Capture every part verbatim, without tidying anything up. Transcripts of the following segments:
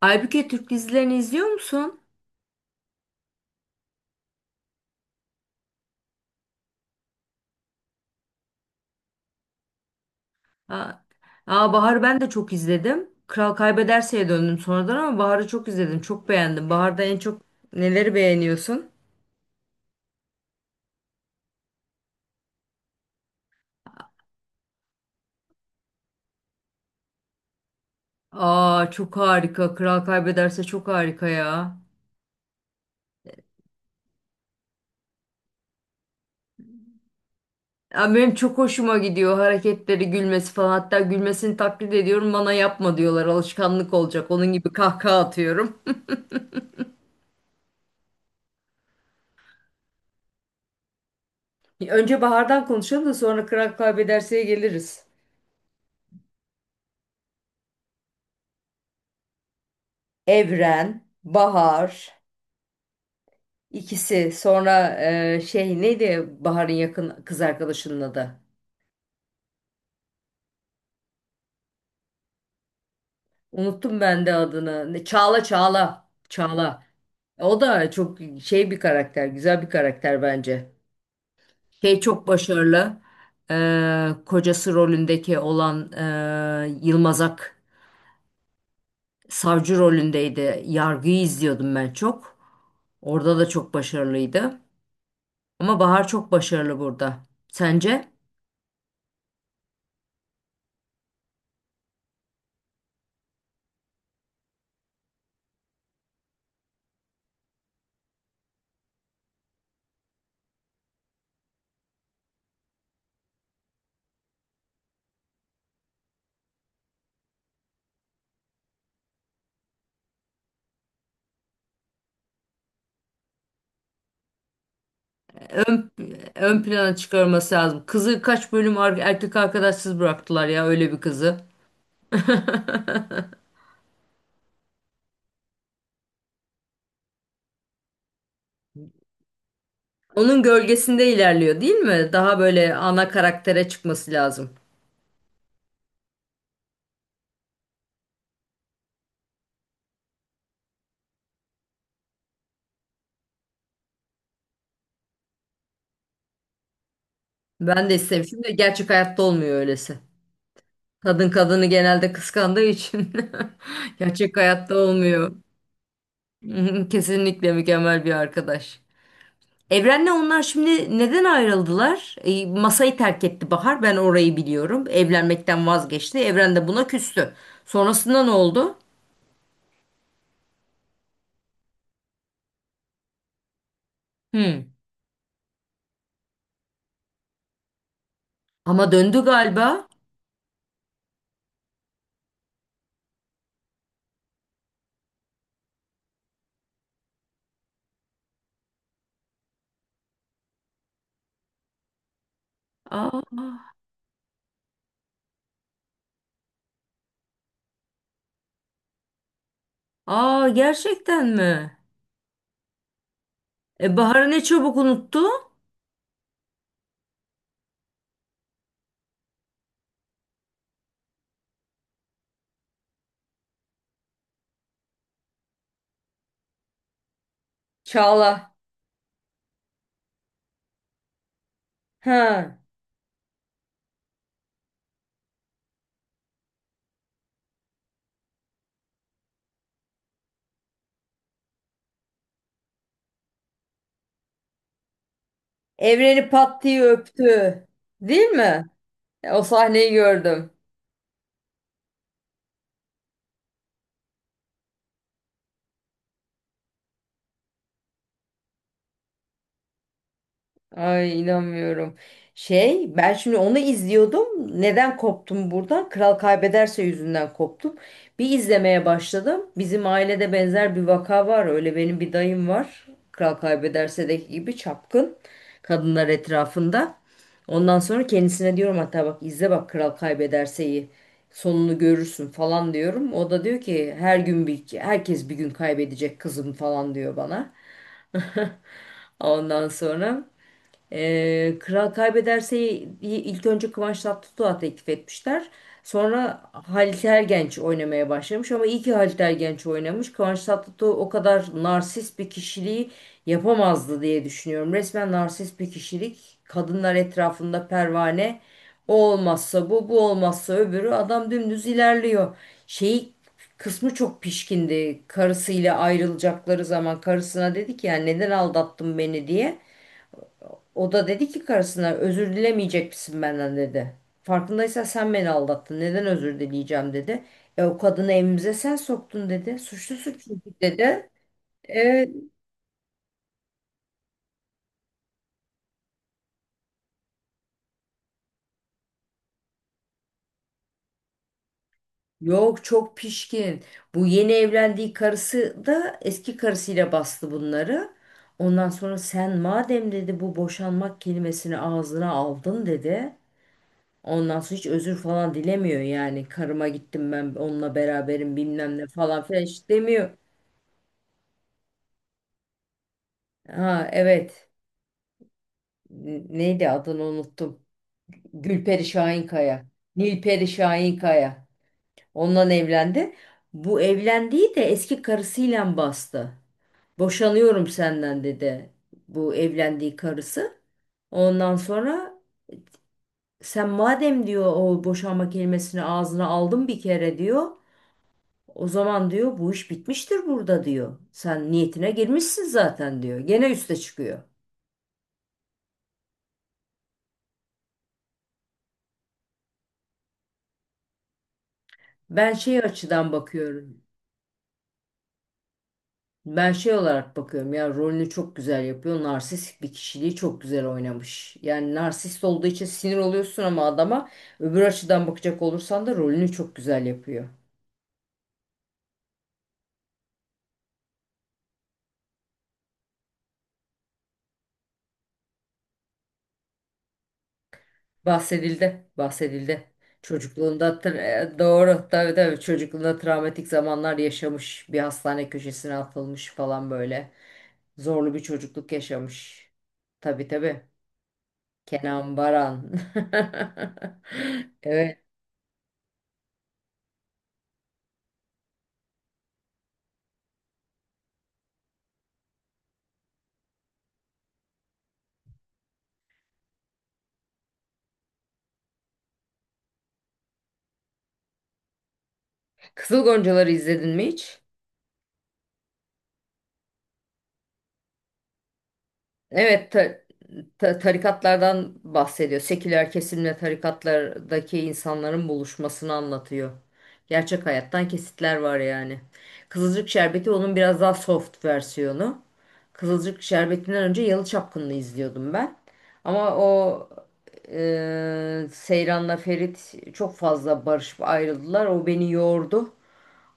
Aybüke Türk dizilerini izliyor musun? Aa, aa Bahar'ı ben de çok izledim. Kral Kaybederse'ye döndüm sonradan ama Bahar'ı çok izledim. Çok beğendim. Bahar'da en çok neleri beğeniyorsun? Aa çok harika. Kral Kaybederse çok harika ya. Ya benim çok hoşuma gidiyor hareketleri, gülmesi falan. Hatta gülmesini taklit ediyorum. Bana yapma diyorlar. Alışkanlık olacak. Onun gibi kahkaha atıyorum. Önce Bahar'dan konuşalım da sonra Kral Kaybederse'ye geliriz. Evren, Bahar. İkisi sonra e, şey neydi Bahar'ın yakın kız arkadaşının adı? Unuttum ben de adını. Ne- Çağla Çağla. Çağla. O da çok şey bir karakter, güzel bir karakter bence. Şey çok başarılı. E, kocası rolündeki olan e, Yılmaz Ak savcı rolündeydi. Yargıyı izliyordum ben çok. Orada da çok başarılıydı. Ama Bahar çok başarılı burada. Sence? ön, ön plana çıkarması lazım. Kızı kaç bölüm ar- erkek arkadaşsız bıraktılar ya öyle bir kızı. Onun gölgesinde ilerliyor değil mi? Daha böyle ana karaktere çıkması lazım. Ben de istemişim de gerçek hayatta olmuyor öylesi. Kadın kadını genelde kıskandığı için gerçek hayatta olmuyor. Kesinlikle mükemmel bir arkadaş. Evren'le onlar şimdi neden ayrıldılar? E, masayı terk etti Bahar. Ben orayı biliyorum. Evlenmekten vazgeçti. Evren de buna küstü. Sonrasında ne oldu? Hı. Ama döndü galiba. Aa, aa gerçekten mi? E Bahar'ı ne çabuk unuttu? Çağla. Ha. Evreni pat diye öptü. Değil mi? E, O sahneyi gördüm. Ay inanmıyorum. Şey ben şimdi onu izliyordum. Neden koptum buradan? Kral Kaybederse yüzünden koptum. Bir izlemeye başladım. Bizim ailede benzer bir vaka var. Öyle benim bir dayım var. Kral Kaybederse'deki gibi çapkın kadınlar etrafında. Ondan sonra kendisine diyorum hatta bak izle bak Kral Kaybederse'yi. Sonunu görürsün falan diyorum. O da diyor ki her gün bir herkes bir gün kaybedecek kızım falan diyor bana. Ondan sonra ee, Kral Kaybederse'yi ilk önce Kıvanç Tatlıtuğ'a teklif etmişler. Sonra Halit Ergenç oynamaya başlamış ama iyi ki Halit Ergenç oynamış. Kıvanç Tatlıtuğ o kadar narsist bir kişiliği yapamazdı diye düşünüyorum. Resmen narsist bir kişilik. Kadınlar etrafında pervane. O olmazsa bu, bu olmazsa öbürü. Adam dümdüz ilerliyor. Şey kısmı çok pişkindi. Karısıyla ayrılacakları zaman karısına dedi ki yani neden aldattın beni diye. O da dedi ki karısına özür dilemeyecek misin benden dedi. Farkındaysan sen beni aldattın. Neden özür dileyeceğim dedi. E o kadını evimize sen soktun dedi. Suçlusun çünkü dedi. Evet. Yok çok pişkin. Bu yeni evlendiği karısı da eski karısıyla bastı bunları. Ondan sonra sen madem dedi bu boşanmak kelimesini ağzına aldın dedi. Ondan sonra hiç özür falan dilemiyor yani. Karıma gittim ben onunla beraberim bilmem ne falan filan hiç demiyor. Ha evet. Neydi adını unuttum. Gülperi Şahinkaya. Nilperi Şahinkaya. Ondan evlendi. Bu evlendiği de eski karısıyla bastı. Boşanıyorum senden dedi bu evlendiği karısı. Ondan sonra sen madem diyor o boşanma kelimesini ağzına aldın bir kere diyor. O zaman diyor bu iş bitmiştir burada diyor. Sen niyetine girmişsin zaten diyor. Gene üste çıkıyor. Ben şey açıdan bakıyorum. Ben şey olarak bakıyorum ya rolünü çok güzel yapıyor. Narsist bir kişiliği çok güzel oynamış. Yani narsist olduğu için sinir oluyorsun ama adama öbür açıdan bakacak olursan da rolünü çok güzel yapıyor. Bahsedildi, bahsedildi. Çocukluğunda tra- e, doğru tabii tabii çocukluğunda travmatik zamanlar yaşamış. Bir hastane köşesine atılmış falan böyle. Zorlu bir çocukluk yaşamış. Tabii tabii. Kenan Baran. Evet. Kızıl Goncaları izledin mi hiç? Evet, ta- ta- tarikatlardan bahsediyor. Seküler kesimle tarikatlardaki insanların buluşmasını anlatıyor. Gerçek hayattan kesitler var yani. Kızılcık Şerbeti onun biraz daha soft versiyonu. Kızılcık Şerbeti'nden önce Yalı Çapkını'nı izliyordum ben. Ama o e, Seyran'la Ferit çok fazla barışıp ayrıldılar. O beni yordu.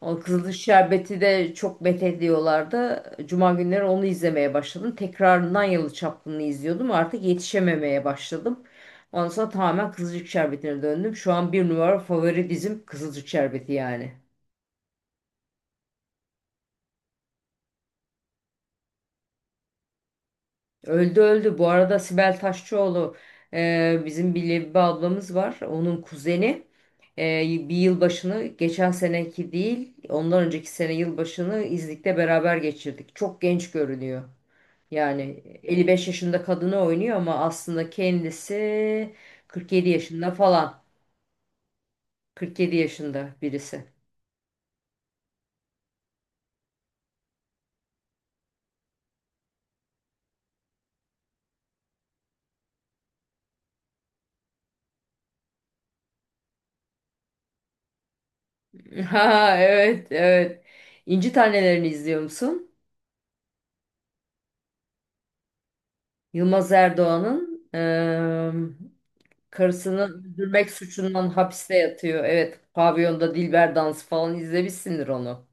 O Kızılış Şerbeti de çok met ediyorlardı. Cuma günleri onu izlemeye başladım. Tekrarından Yalı Çapkını'nı izliyordum. Artık yetişememeye başladım. Ondan sonra tamamen Kızılcık Şerbeti'ne döndüm. Şu an bir numara favori dizim Kızılcık Şerbeti yani. Öldü öldü. Bu arada Sibel Taşçıoğlu e, bizim bir Lebibe ablamız var. Onun kuzeni. E, Bir yılbaşını geçen seneki değil ondan önceki sene yılbaşını İznik'te beraber geçirdik. Çok genç görünüyor. Yani elli beş yaşında kadını oynuyor ama aslında kendisi kırk yedi yaşında falan. kırk yedi yaşında birisi. Ha evet evet. İnci Taneleri'ni izliyor musun? Yılmaz Erdoğan'ın eee, karısını öldürmek suçundan hapiste yatıyor. Evet, pavyonda Dilber dansı falan izlemişsindir onu.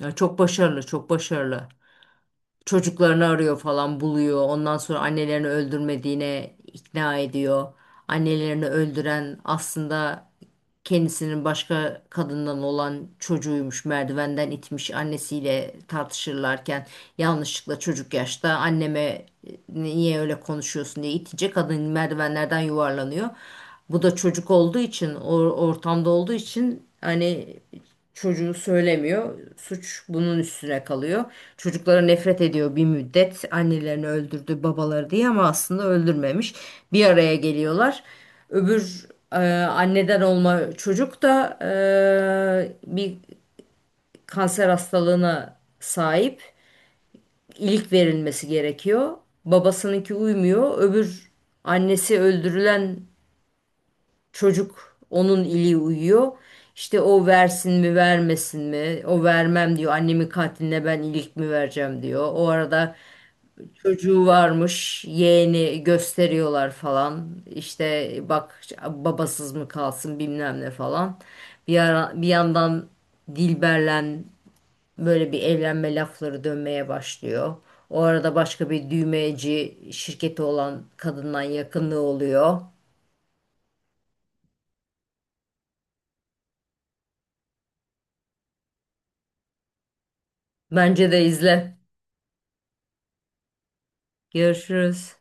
Ya çok başarılı, çok başarılı. Çocuklarını arıyor falan buluyor. Ondan sonra annelerini öldürmediğine ikna ediyor. Annelerini öldüren aslında kendisinin başka kadından olan çocuğuymuş. Merdivenden itmiş annesiyle tartışırlarken yanlışlıkla çocuk yaşta anneme e, niye öyle konuşuyorsun diye itince kadın merdivenlerden yuvarlanıyor. Bu da çocuk olduğu için, o ortamda olduğu için hani çocuğu söylemiyor. Suç bunun üstüne kalıyor. Çocuklara nefret ediyor bir müddet. Annelerini öldürdü, babaları diye ama aslında öldürmemiş. Bir araya geliyorlar. Öbür e, anneden olma çocuk da e, bir kanser hastalığına sahip. İlik verilmesi gerekiyor. Babasınınki uymuyor. Öbür annesi öldürülen çocuk onun ili uyuyor. İşte o versin mi vermesin mi? O vermem diyor. Annemin katiline ben ilik mi vereceğim diyor. O arada çocuğu varmış. Yeğeni gösteriyorlar falan. İşte bak babasız mı kalsın bilmem ne falan. Bir ara, bir yandan Dilber'le böyle bir evlenme lafları dönmeye başlıyor. O arada başka bir düğmeci şirketi olan kadından yakınlığı oluyor. Bence de izle. Görüşürüz.